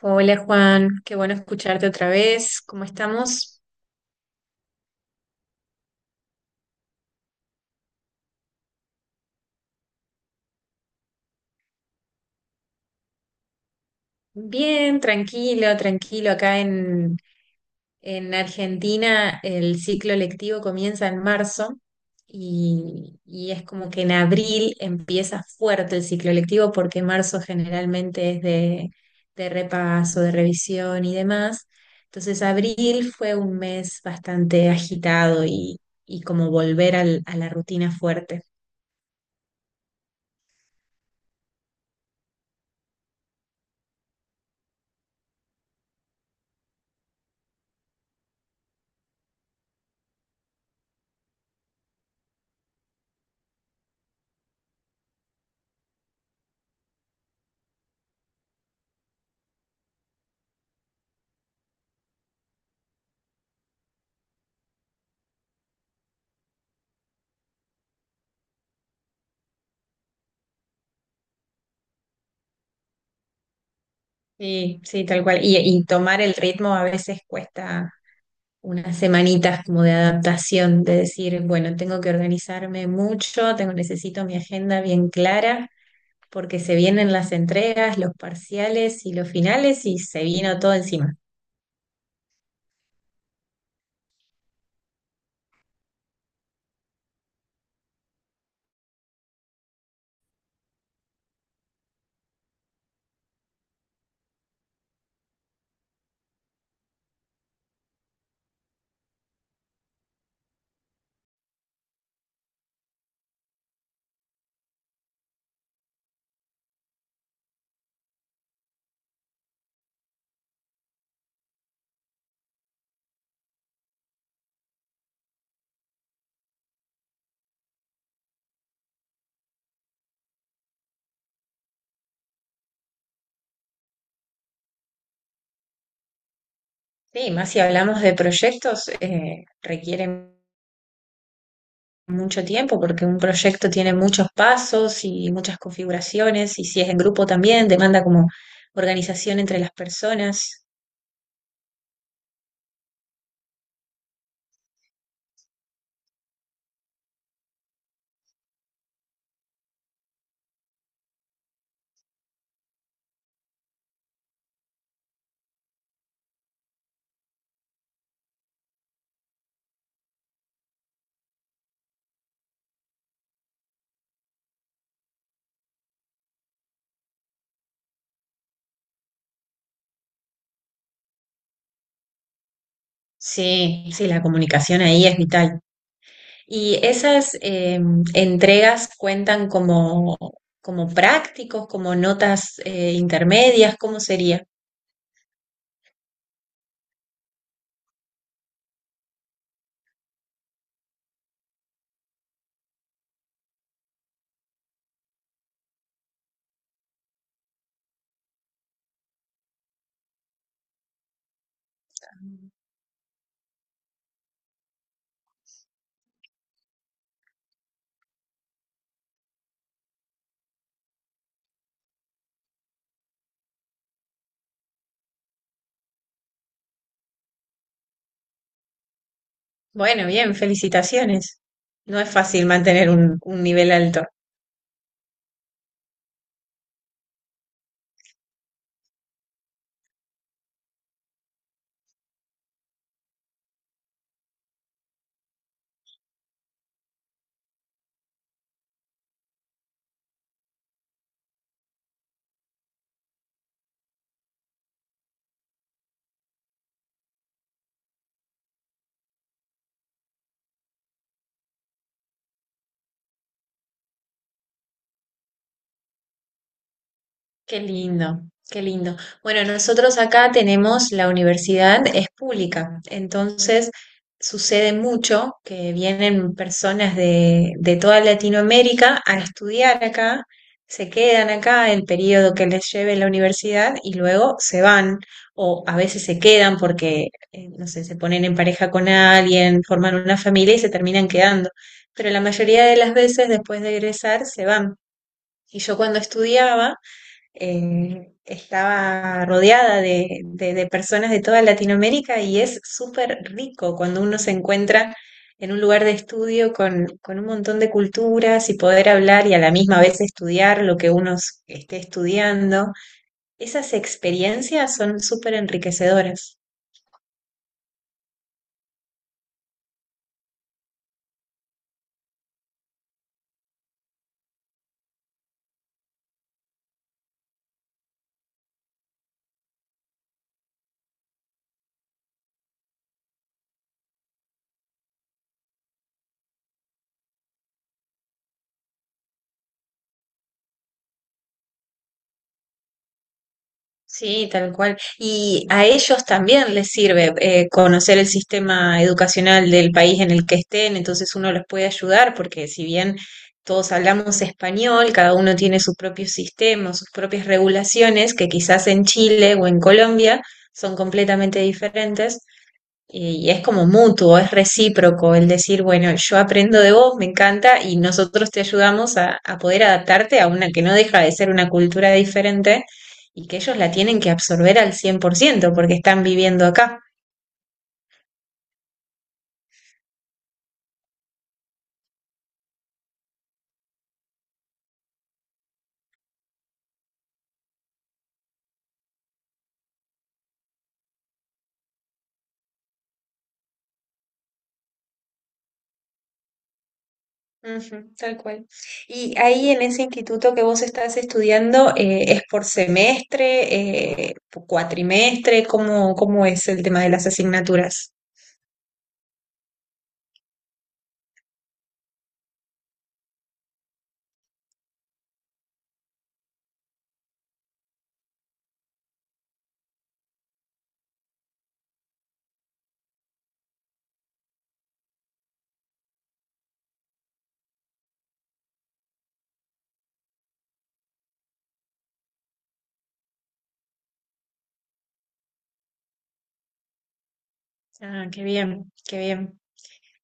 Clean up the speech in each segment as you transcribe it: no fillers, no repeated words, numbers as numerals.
Hola Juan, qué bueno escucharte otra vez. ¿Cómo estamos? Bien, tranquilo, tranquilo. En Argentina el ciclo lectivo comienza en marzo y es como que en abril empieza fuerte el ciclo lectivo porque marzo generalmente es de repaso, de revisión y demás. Entonces abril fue un mes bastante agitado y como volver a la rutina fuerte. Sí, sí, tal cual. Y tomar el ritmo a veces cuesta unas semanitas como de adaptación, de decir, bueno, tengo que organizarme mucho, necesito mi agenda bien clara, porque se vienen las entregas, los parciales y los finales y se vino todo encima. Sí, más si hablamos de proyectos, requieren mucho tiempo porque un proyecto tiene muchos pasos y muchas configuraciones y si es en grupo también demanda como organización entre las personas. Sí, sí, la comunicación ahí es vital. ¿Y esas entregas cuentan como, como prácticos, como notas intermedias? ¿Cómo sería? Bueno, bien, felicitaciones. No es fácil mantener un nivel alto. Qué lindo, qué lindo. Bueno, nosotros acá tenemos la universidad, es pública, entonces sucede mucho que vienen personas de toda Latinoamérica a estudiar acá, se quedan acá el periodo que les lleve la universidad y luego se van, o a veces se quedan porque, no sé, se ponen en pareja con alguien, forman una familia y se terminan quedando. Pero la mayoría de las veces después de egresar se van. Y yo cuando estudiaba estaba rodeada de, de personas de toda Latinoamérica y es súper rico cuando uno se encuentra en un lugar de estudio con un montón de culturas y poder hablar y a la misma vez estudiar lo que esté estudiando. Esas experiencias son súper enriquecedoras. Sí, tal cual. Y a ellos también les sirve conocer el sistema educacional del país en el que estén, entonces uno los puede ayudar porque si bien todos hablamos español, cada uno tiene su propio sistema, sus propias regulaciones, que quizás en Chile o en Colombia son completamente diferentes, y es como mutuo, es recíproco el decir, bueno, yo aprendo de vos, me encanta, y nosotros te ayudamos a poder adaptarte a una que no deja de ser una cultura diferente y que ellos la tienen que absorber al cien por ciento porque están viviendo acá. Ujú, tal cual. Y ahí en ese instituto que vos estás estudiando, ¿es por semestre, por cuatrimestre? ¿Cómo, cómo es el tema de las asignaturas? Ah, qué bien, qué bien.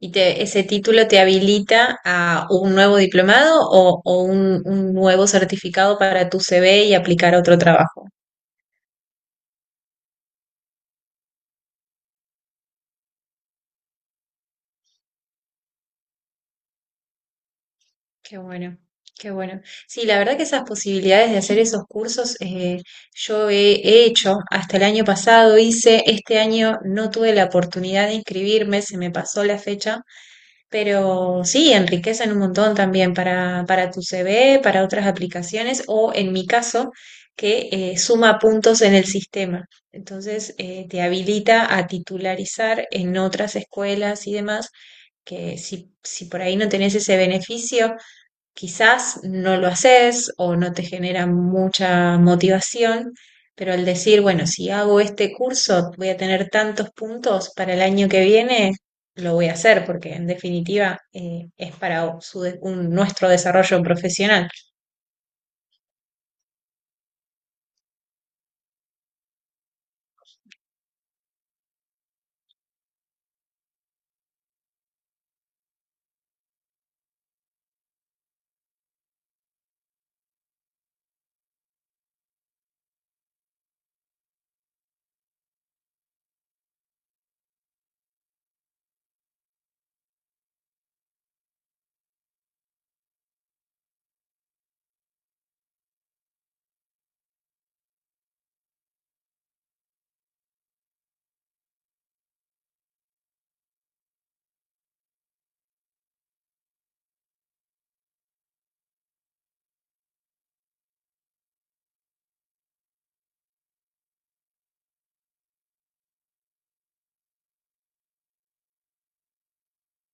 ¿Y te, ese título te habilita a un nuevo diplomado o un nuevo certificado para tu CV y aplicar a otro trabajo? Qué bueno, qué bueno. Sí, la verdad que esas posibilidades de hacer esos cursos he hecho. Hasta el año pasado hice, este año no tuve la oportunidad de inscribirme, se me pasó la fecha. Pero sí, enriquecen un montón también para tu CV, para otras aplicaciones o en mi caso, que suma puntos en el sistema. Entonces, te habilita a titularizar en otras escuelas y demás, que si por ahí no tenés ese beneficio, quizás no lo haces o no te genera mucha motivación, pero al decir, bueno, si hago este curso voy a tener tantos puntos para el año que viene, lo voy a hacer porque en definitiva es para nuestro desarrollo profesional.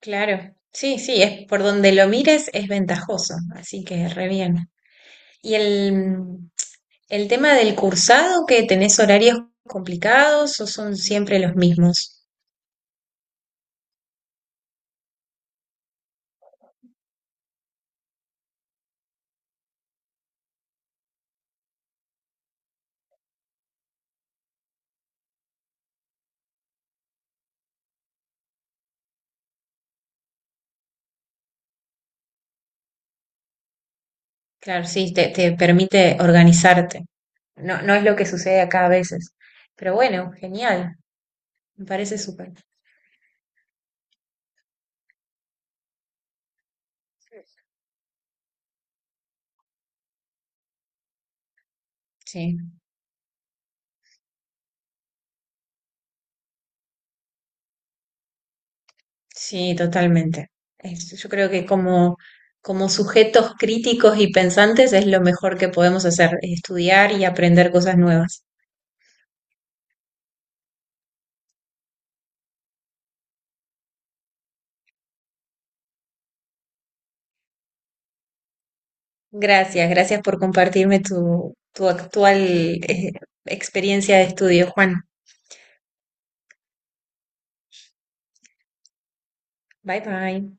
Claro, sí, sí, es por donde lo mires es ventajoso, así que re bien. ¿Y el tema del cursado, que tenés horarios complicados o son siempre los mismos? Claro, sí, te permite organizarte. No, no es lo que sucede acá a veces. Pero bueno, genial. Me parece súper. Sí, sí, totalmente. Es- yo creo que como, como sujetos críticos y pensantes es lo mejor que podemos hacer, estudiar y aprender cosas nuevas. Gracias, gracias por compartirme tu, tu actual, experiencia de estudio, Juan. Bye bye.